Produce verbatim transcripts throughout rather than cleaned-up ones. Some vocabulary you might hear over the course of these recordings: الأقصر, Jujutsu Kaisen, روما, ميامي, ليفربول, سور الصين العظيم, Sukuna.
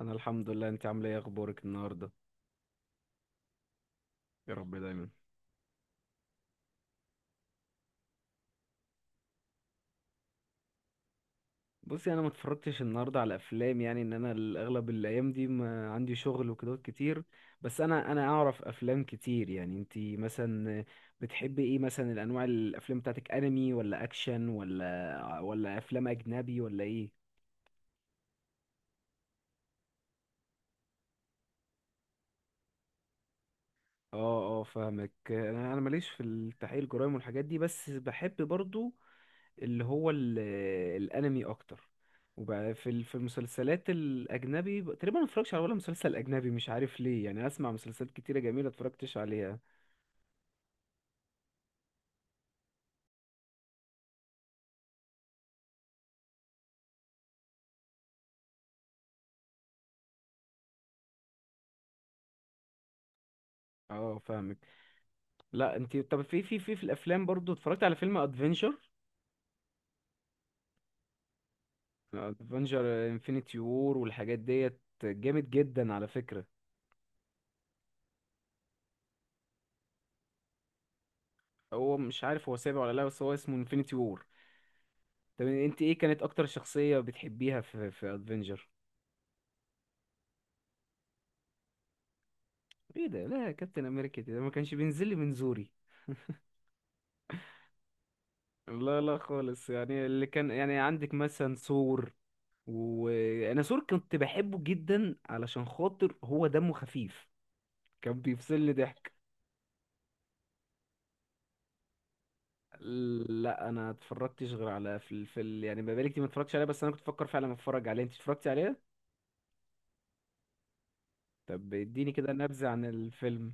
انا الحمد لله، انت عامله ايه؟ اخبارك النهارده؟ يا رب دايما. بصي، انا ما اتفرجتش النهارده على افلام، يعني ان انا الاغلب الايام دي ما عندي شغل وكده كتير. بس انا انا اعرف افلام كتير. يعني انت مثلا بتحبي ايه؟ مثلا الانواع الافلام بتاعتك انمي ولا اكشن ولا ولا افلام اجنبي ولا ايه؟ اه اه، فاهمك. انا انا ماليش في التحقيق الجرائم والحاجات دي، بس بحب برضو اللي هو ال- الانمي اكتر. وبقى في ال- في المسلسلات الاجنبي ب- تقريبا ما اتفرجش على ولا مسلسل اجنبي، مش عارف ليه. يعني اسمع مسلسلات كتيره جميله اتفرجتش عليها. اه فاهمك. لا انت طب في في في في الافلام برضو اتفرجت على فيلم ادفنجر. ادفنجر انفينيتي وور والحاجات ديت جامد جدا على فكره. هو مش عارف هو سابع ولا لا، بس هو اسمه انفينيتي وور. طب انت ايه كانت اكتر شخصيه بتحبيها في في ادفنجر؟ ايه ده؟ لا كابتن امريكا ده ما كانش بينزل لي من زوري. لا لا خالص. يعني اللي كان يعني عندك مثلا سور، وانا سور كنت بحبه جدا علشان خاطر هو دمه خفيف. كان بيفصل لي ضحك. لا انا اتفرجتش غير على في ال... في ال... يعني بقالي كتير ما اتفرجتش عليه، بس انا كنت بفكر فعلا اتفرج عليه. انت اتفرجتي عليه؟ طب اديني كده نبذة عن الفيلم.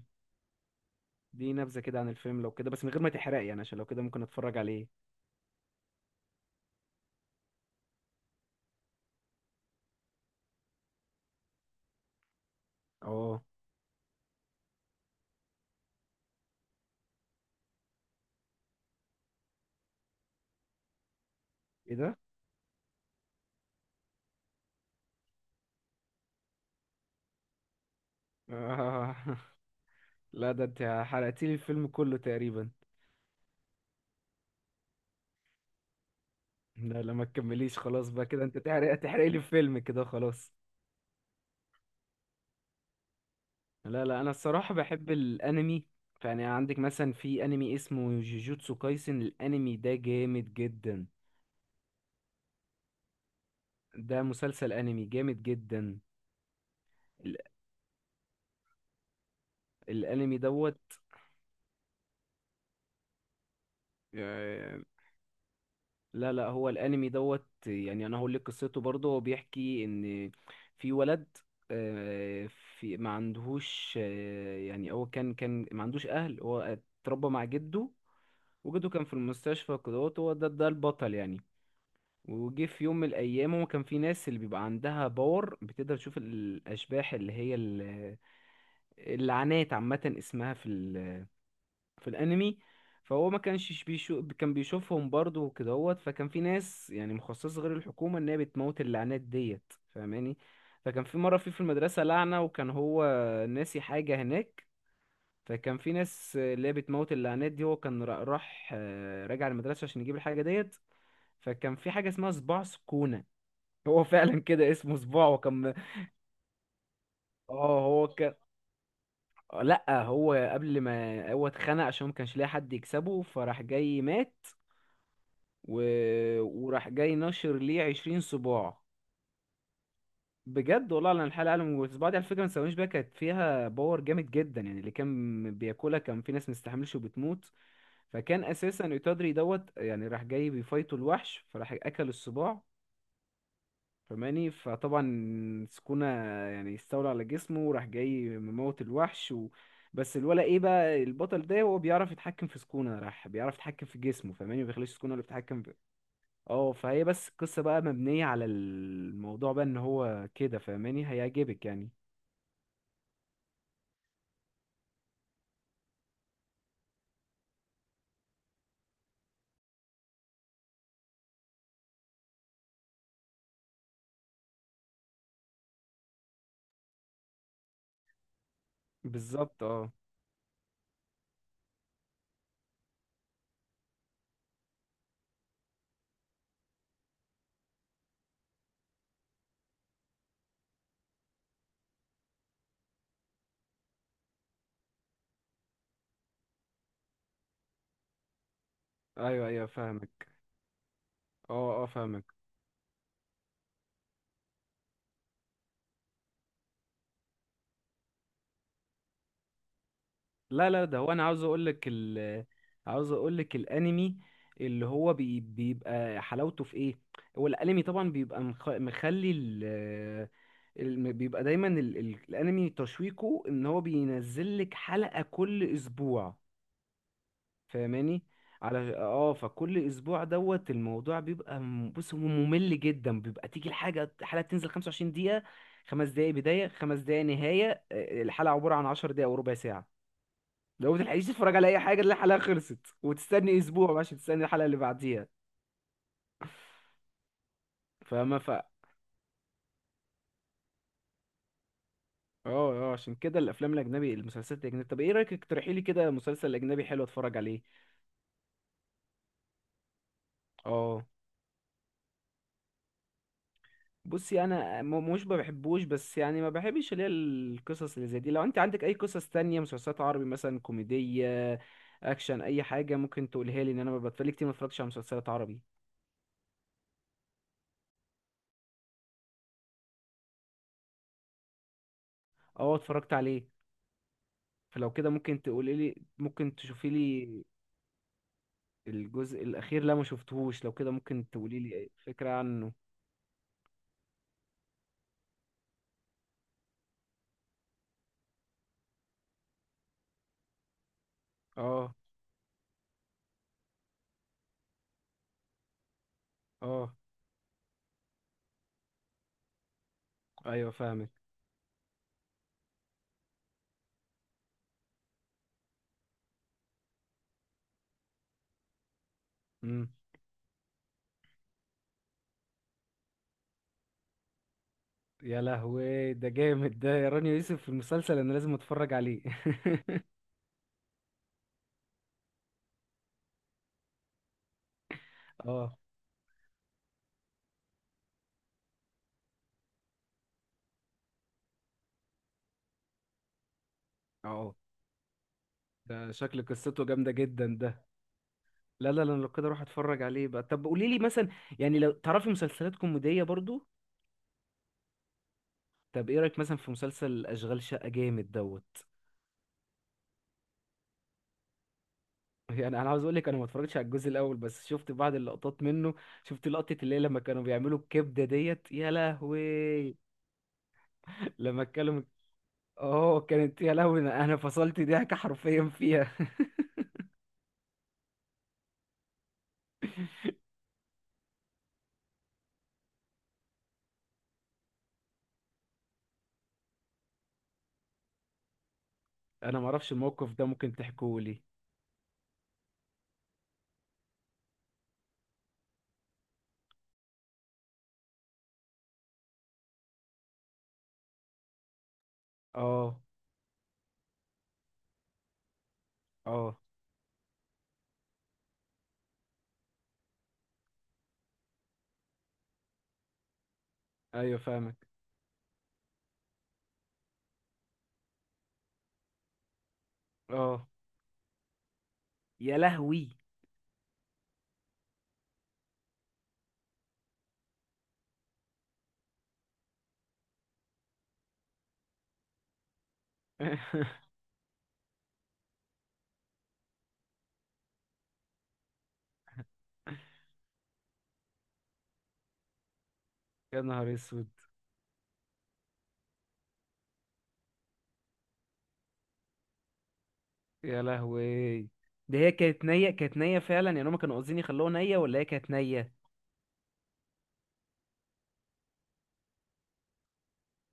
دي نبذة كده عن الفيلم، لو كده بس من غير ما تحرقي يعني، عشان لو كده ممكن اتفرج عليه. اه. ايه ده؟ آه. لا ده انت حرقتيلي الفيلم كله تقريبا. لا لا ما تكمليش خلاص بقى كده. انت تحرق تحرق لي فيلم كده خلاص. لا لا، انا الصراحة بحب الانمي. يعني عندك مثلا في انمي اسمه جوجوتسو كايسن، الانمي ده جامد جدا. ده مسلسل انمي جامد جدا. ال- الانمي دوت. آه، لا لا، هو الانمي دوت يعني انا هقول لك قصته برضه. هو بيحكي ان في ولد، آه، في ما عندهوش، آه، يعني هو كان كان ما عندوش اهل. هو اتربى مع جده، وجده كان في المستشفى كده. هو ده ده البطل يعني. وجه في يوم من الايام، هو كان في ناس اللي بيبقى عندها باور بتقدر تشوف الاشباح اللي هي ال- اللعنات عامه اسمها في ال... في الانمي. فهو ما كانش بيشوف، كان بيشوفهم برضه وكده. هوت فكان في ناس يعني مخصصه غير الحكومه ان هي بتموت اللعنات ديت، فاهماني؟ فكان في مره في في المدرسه لعنه، وكان هو ناسي حاجه هناك. فكان في ناس اللي هي بتموت اللعنات دي. هو كان را- راح آه، راجع المدرسه عشان يجيب الحاجه ديت. فكان في حاجة اسمها صباع سكونة. هو فعلا كده اسمه صباع، وكان. اه هو كان. لا هو قبل ما هو اتخنق عشان ما كانش لاقي حد يكسبه، فراح جاي مات. و... وراح جاي نشر ليه عشرين صباع. بجد والله، انا الحلقة قالوا والصباع دي على فكرة ما تسويش بيها، كانت فيها باور جامد جدا. يعني اللي كان بياكلها كان في ناس مستحملش وبتموت. فكان اساسا يتدري دوت يعني راح جاي بيفايتوا الوحش، فراح اكل الصباع. فماني فطبعا سكونة يعني استولى على جسمه، وراح جاي مموت الوحش و... بس الولا ايه بقى، البطل ده هو بيعرف يتحكم في سكونة، راح بيعرف يتحكم في جسمه، فماني ما بيخليش سكونة اللي بتتحكم في. اه. فهي بس القصة بقى مبنية على الموضوع بقى ان هو كده، فماني هيعجبك يعني. بالظبط اه. ايوه ايوه فاهمك. اه اه فاهمك. لا لا، ده هو انا عاوز اقول لك ال عاوز اقول لك الانمي اللي هو بي بيبقى حلاوته في ايه. هو الانمي طبعا بيبقى مخ- مخلي ال الم- بيبقى دايما ال... ال... الانمي تشويقه ان هو بينزل لك حلقة كل اسبوع، فاهماني؟ على اه. فكل اسبوع دوت الموضوع بيبقى م- بص هو ممل جدا. بيبقى تيجي الحاجة الحلقة تنزل خمسة وعشرين دقيقة، خمس دقايق بداية، خمس دقايق نهاية، آه، الحلقة عبارة عن عشر دقايق وربع ساعة. لو بتلحقيش تتفرج على اي حاجه تلاقي الحلقه خلصت، وتستني اسبوع بقى عشان تستني الحلقه اللي بعديها، فاهمه؟ ف اه. اه عشان كده الافلام الاجنبي، المسلسلات الاجنبي، طب ايه رايك اقترحي لي كده مسلسل اجنبي حلو اتفرج عليه. اه. بصي انا م- مش ما بحبوش، بس يعني ما بحبش اللي هي القصص اللي زي دي. لو انت عندك اي قصص تانية مسلسلات عربي مثلا، كوميدية، اكشن، اي حاجة ممكن تقولها لي. ان انا بتفرج كتير ما اتفرجتش على مسلسلات عربي. اه اتفرجت عليه. فلو كده ممكن تقولي لي، ممكن تشوفي لي. الجزء الأخير؟ لا ما شفتهوش. لو كده ممكن تقولي لي فكرة عنه. اه. اه. ايوه فاهمك. امم. يا لهوي، ده جامد ده، يا رانيا يوسف في المسلسل، انا لازم اتفرج عليه. اه اه. ده شكل قصته جامدة جدا ده. لا لا لا، أنا لو كده اروح اتفرج عليه بقى. طب قولي لي مثلا، يعني لو تعرفي مسلسلات كوميدية برضو. طب ايه رأيك مثلا في مسلسل اشغال شقة؟ جامد دوت. يعني انا عاوز اقول لك، انا ما اتفرجتش على الجزء الاول، بس شفت بعض اللقطات منه. شفت لقطه اللي هي لما كانوا بيعملوا الكبده ديت، يا لهوي. لما اتكلم. اه كانت يا لهوي، انا أنا فصلت ضحك حرفيا فيها. انا ما اعرفش الموقف ده، ممكن تحكوه لي. اه. اه ايوه فاهمك. اه يا لهوي. يا نهار اسود. يا لهوي. ده هي كانت نية؟ كانت نية فعلا، يعني هما كانوا قاصدين يخلوها نية ولا هي كانت نية؟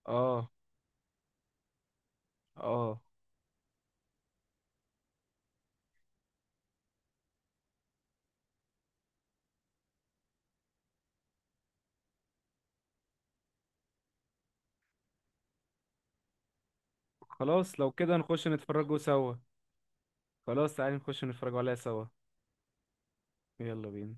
اه. اه. خلاص لو كده نخش نتفرجوا سوا. خلاص تعالي نخش نتفرجوا عليها سوا. يلا بينا.